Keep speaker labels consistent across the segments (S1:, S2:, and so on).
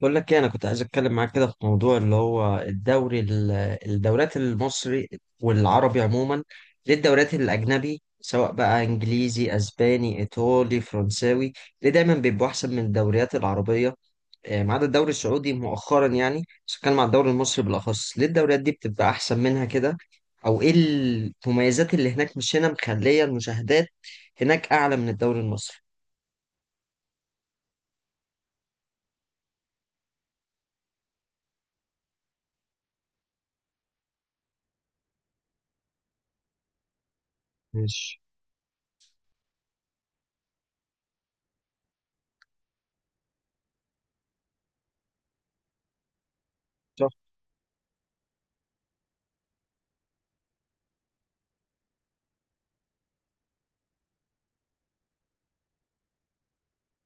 S1: بقول لك ايه، انا كنت عايز اتكلم معاك كده في موضوع، اللي هو الدوري الدوريات المصري والعربي عموما. ليه الدوريات الاجنبي سواء بقى انجليزي اسباني ايطالي فرنساوي، ليه دايما بيبقوا احسن من الدوريات العربيه؟ ما عدا الدوري السعودي مؤخرا يعني، بس اتكلم عن الدوري المصري بالاخص. ليه الدوريات دي بتبقى احسن منها كده، او ايه المميزات اللي هناك مش هنا مخليه المشاهدات هناك اعلى من الدوري المصري؟ ماشي. صح.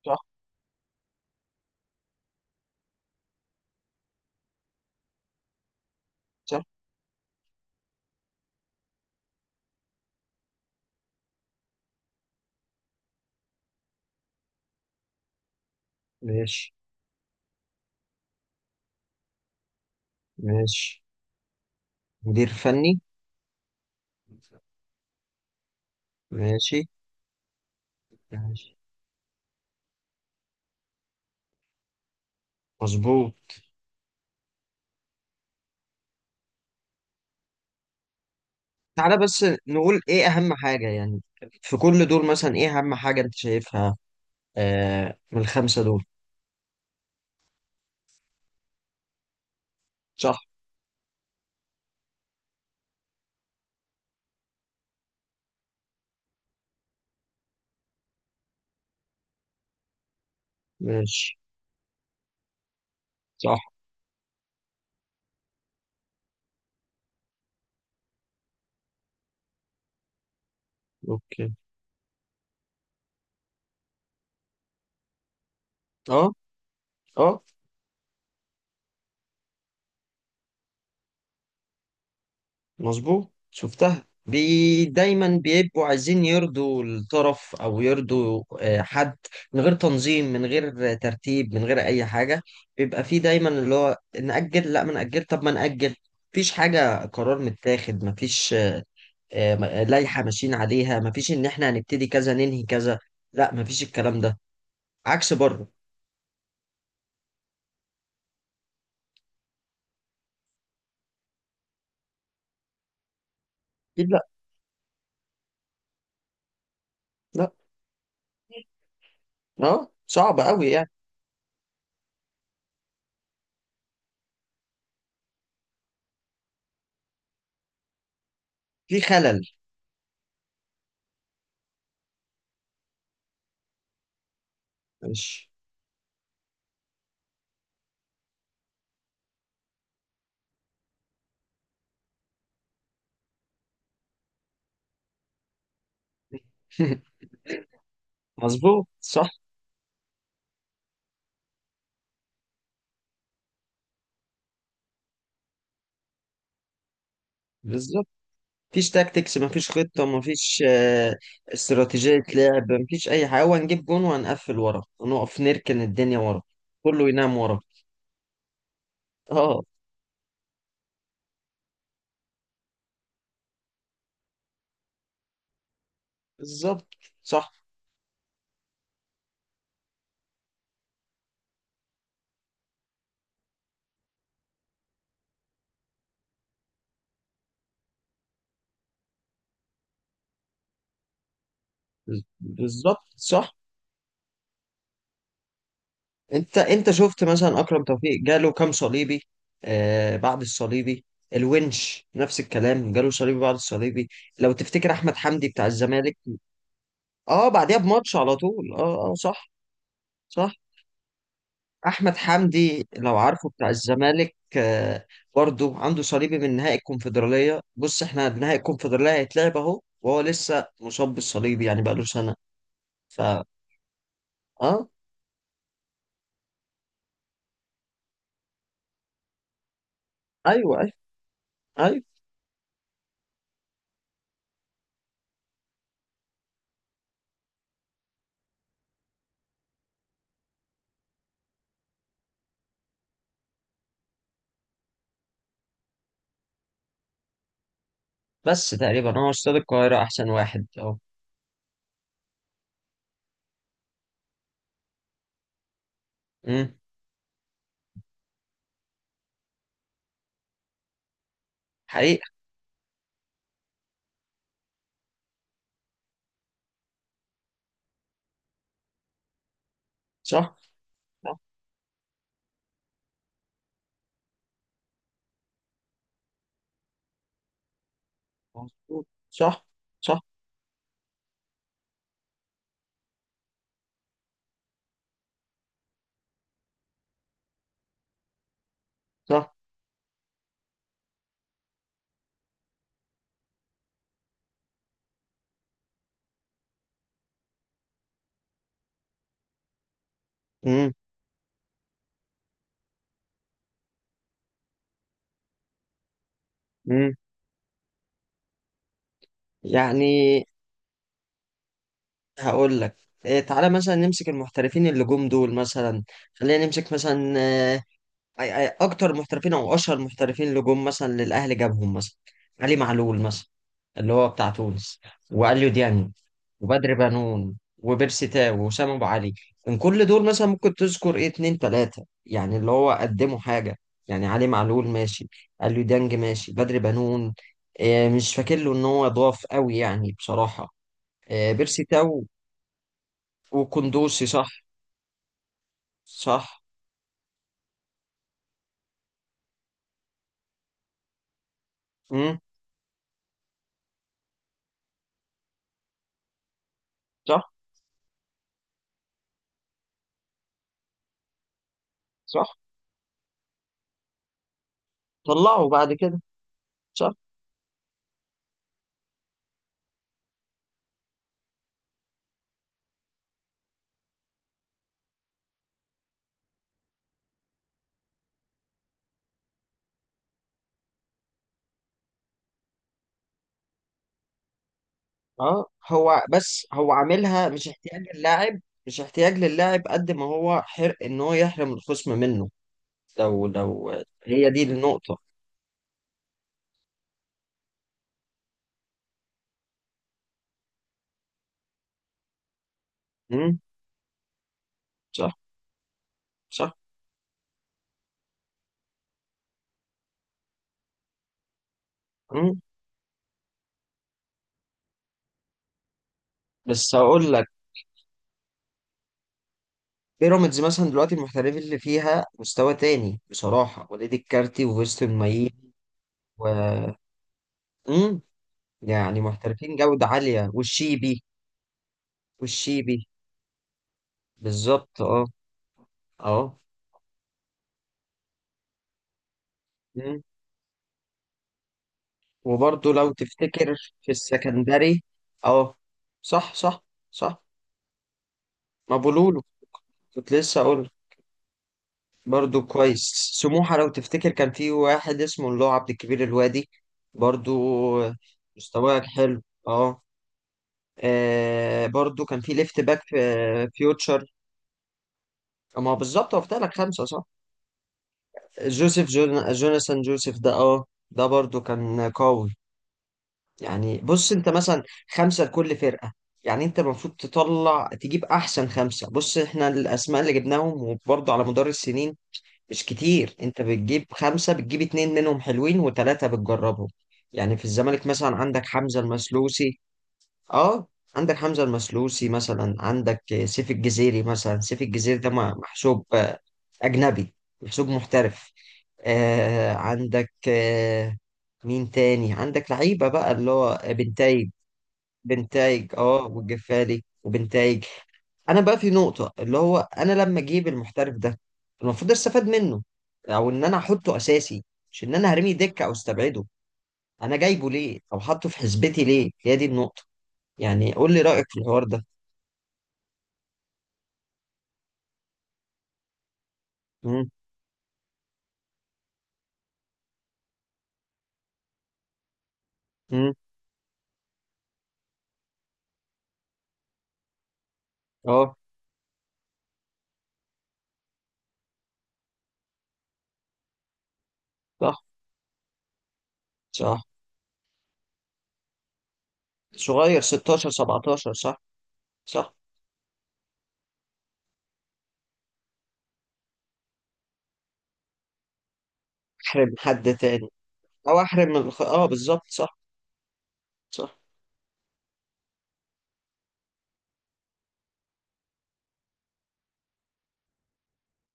S1: صح. صح. ماشي. ماشي. مدير فني. ماشي. ماشي. مظبوط. تعالى بس نقول ايه اهم حاجة يعني، في كل دول مثلا ايه اهم حاجة انت شايفها؟ آه، من الخمسة دول. صح. ماشي. صح. اوكي. اه. اه. مظبوط، شفتها. بي دايما بيبقوا عايزين يرضوا الطرف، او يرضوا حد، من غير تنظيم من غير ترتيب من غير اي حاجه. بيبقى فيه دايما اللي هو نأجل لا ما نأجل طب ما نأجل. مفيش حاجه، قرار متاخد مفيش، لائحه ماشيين عليها. مفيش ان احنا هنبتدي كذا ننهي كذا، لا مفيش الكلام ده، عكس بره. اكيد لا. لا. اه صعب قوي يعني. في خلل. مش مظبوط. صح. بالظبط. مفيش تاكتكس مفيش خطة مفيش استراتيجية لعب، مفيش أي حاجة. هو هنجيب جون وهنقفل ورا ونقف نركن الدنيا ورا، كله ينام ورا. اه. بالظبط. صح. بالظبط. صح. انت شفت مثلا أكرم توفيق جاله كام صليبي؟ آه، بعد الصليبي. الونش نفس الكلام، جاله صليبي بعد الصليبي. لو تفتكر أحمد حمدي بتاع الزمالك، اه بعديها بماتش على طول. اه. اه صح. صح. احمد حمدي لو عارفه بتاع الزمالك، برضو عنده صليبي من نهائي الكونفدراليه. بص احنا نهائي الكونفدراليه هيتلعب اهو، وهو لسه مصاب بالصليبي يعني بقاله سنه. ف اه. ايوه ايوه. ايوه. بس تقريبا هو استاد القاهره احسن واحد اهو. امم. حقيقه. صح. صح. مظبوط. صح. صح. صح. امم. امم. يعني هقول لك إيه، تعالى مثلا نمسك المحترفين اللي جم دول مثلا، خلينا نمسك مثلا اكتر محترفين او اشهر محترفين اللي جم مثلا للاهلي، جابهم مثلا علي معلول مثلا اللي هو بتاع تونس، واليو ديانج وبدر بنون وبيرسي تاو وسام ابو علي. من كل دول مثلا ممكن تذكر ايه، اتنين تلاته يعني اللي هو قدموا حاجه؟ يعني علي معلول ماشي، اليو ديانج ماشي، بدر بنون إيه، مش فاكر له ان هو ضاف قوي يعني بصراحه. إيه بيرسي تاو وكندوسي. صح. صح. امم. صح. صح. طلعوا بعد كده. صح. اه. هو بس هو عاملها مش احتياج للاعب، مش احتياج للاعب، قد ما هو حرق ان هو يحرم الخصم منه. لو هي دي النقطة. امم. صح. صح. امم. بس هقول لك، بيراميدز مثلا دلوقتي المحترفين اللي فيها مستوى تاني بصراحة، وليد الكارتي وفيستون مايين، و... امم. يعني محترفين جودة عالية والشيبي. والشيبي. بالظبط اه. اه. إمم. وبرضه لو تفتكر في السكندري. اه. صح. صح. صح. ما بولولو. كنت لسه اقول، برضه كويس سموحة، لو تفتكر كان في واحد اسمه اللي هو عبد الكبير الوادي، برضه مستواه حلو. اه. برضه كان في ليفت باك في فيوتشر. ما هو بالظبط هو فتح لك خمسة صح. جوزيف جوناثان جوزيف ده اه، ده برضه كان قوي. يعني بص انت مثلا، خمسة لكل فرقة، يعني انت المفروض تطلع تجيب احسن خمسة. بص احنا الاسماء اللي جبناهم وبرضه على مدار السنين مش كتير، انت بتجيب خمسة، بتجيب اتنين منهم حلوين وتلاتة بتجربهم. يعني في الزمالك مثلا عندك حمزة المسلوسي. اه. عندك حمزة المسلوسي مثلا، عندك سيف الجزيري مثلا. سيف الجزيري ده محسوب اجنبي، محسوب محترف. عندك مين تاني، عندك لعيبة بقى اللي هو بنتايج. بنتايج اه، والجفالي وبنتايج. انا بقى في نقطة اللي هو انا لما اجيب المحترف ده المفروض استفاد منه، او ان انا احطه اساسي، مش ان انا هرمي دكة او استبعده. انا جايبه ليه او حاطه في حسبتي ليه، هي دي النقطة. يعني قول لي رأيك في الحوار ده. امم. امم. اه. صح. صح. صغير 16 17 صح. صح. احرم حد تاني. او احرم اه بالظبط صح. صح.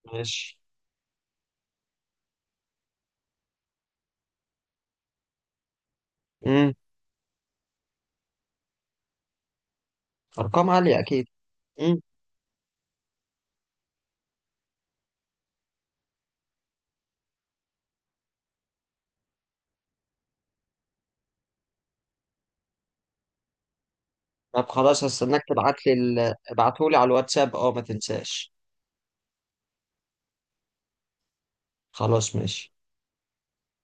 S1: ماشي. امم. ارقام عالية اكيد. طب خلاص، هستناك تبعت لي ابعتهولي على الواتساب، اه ما تنساش. خلاص ماشي.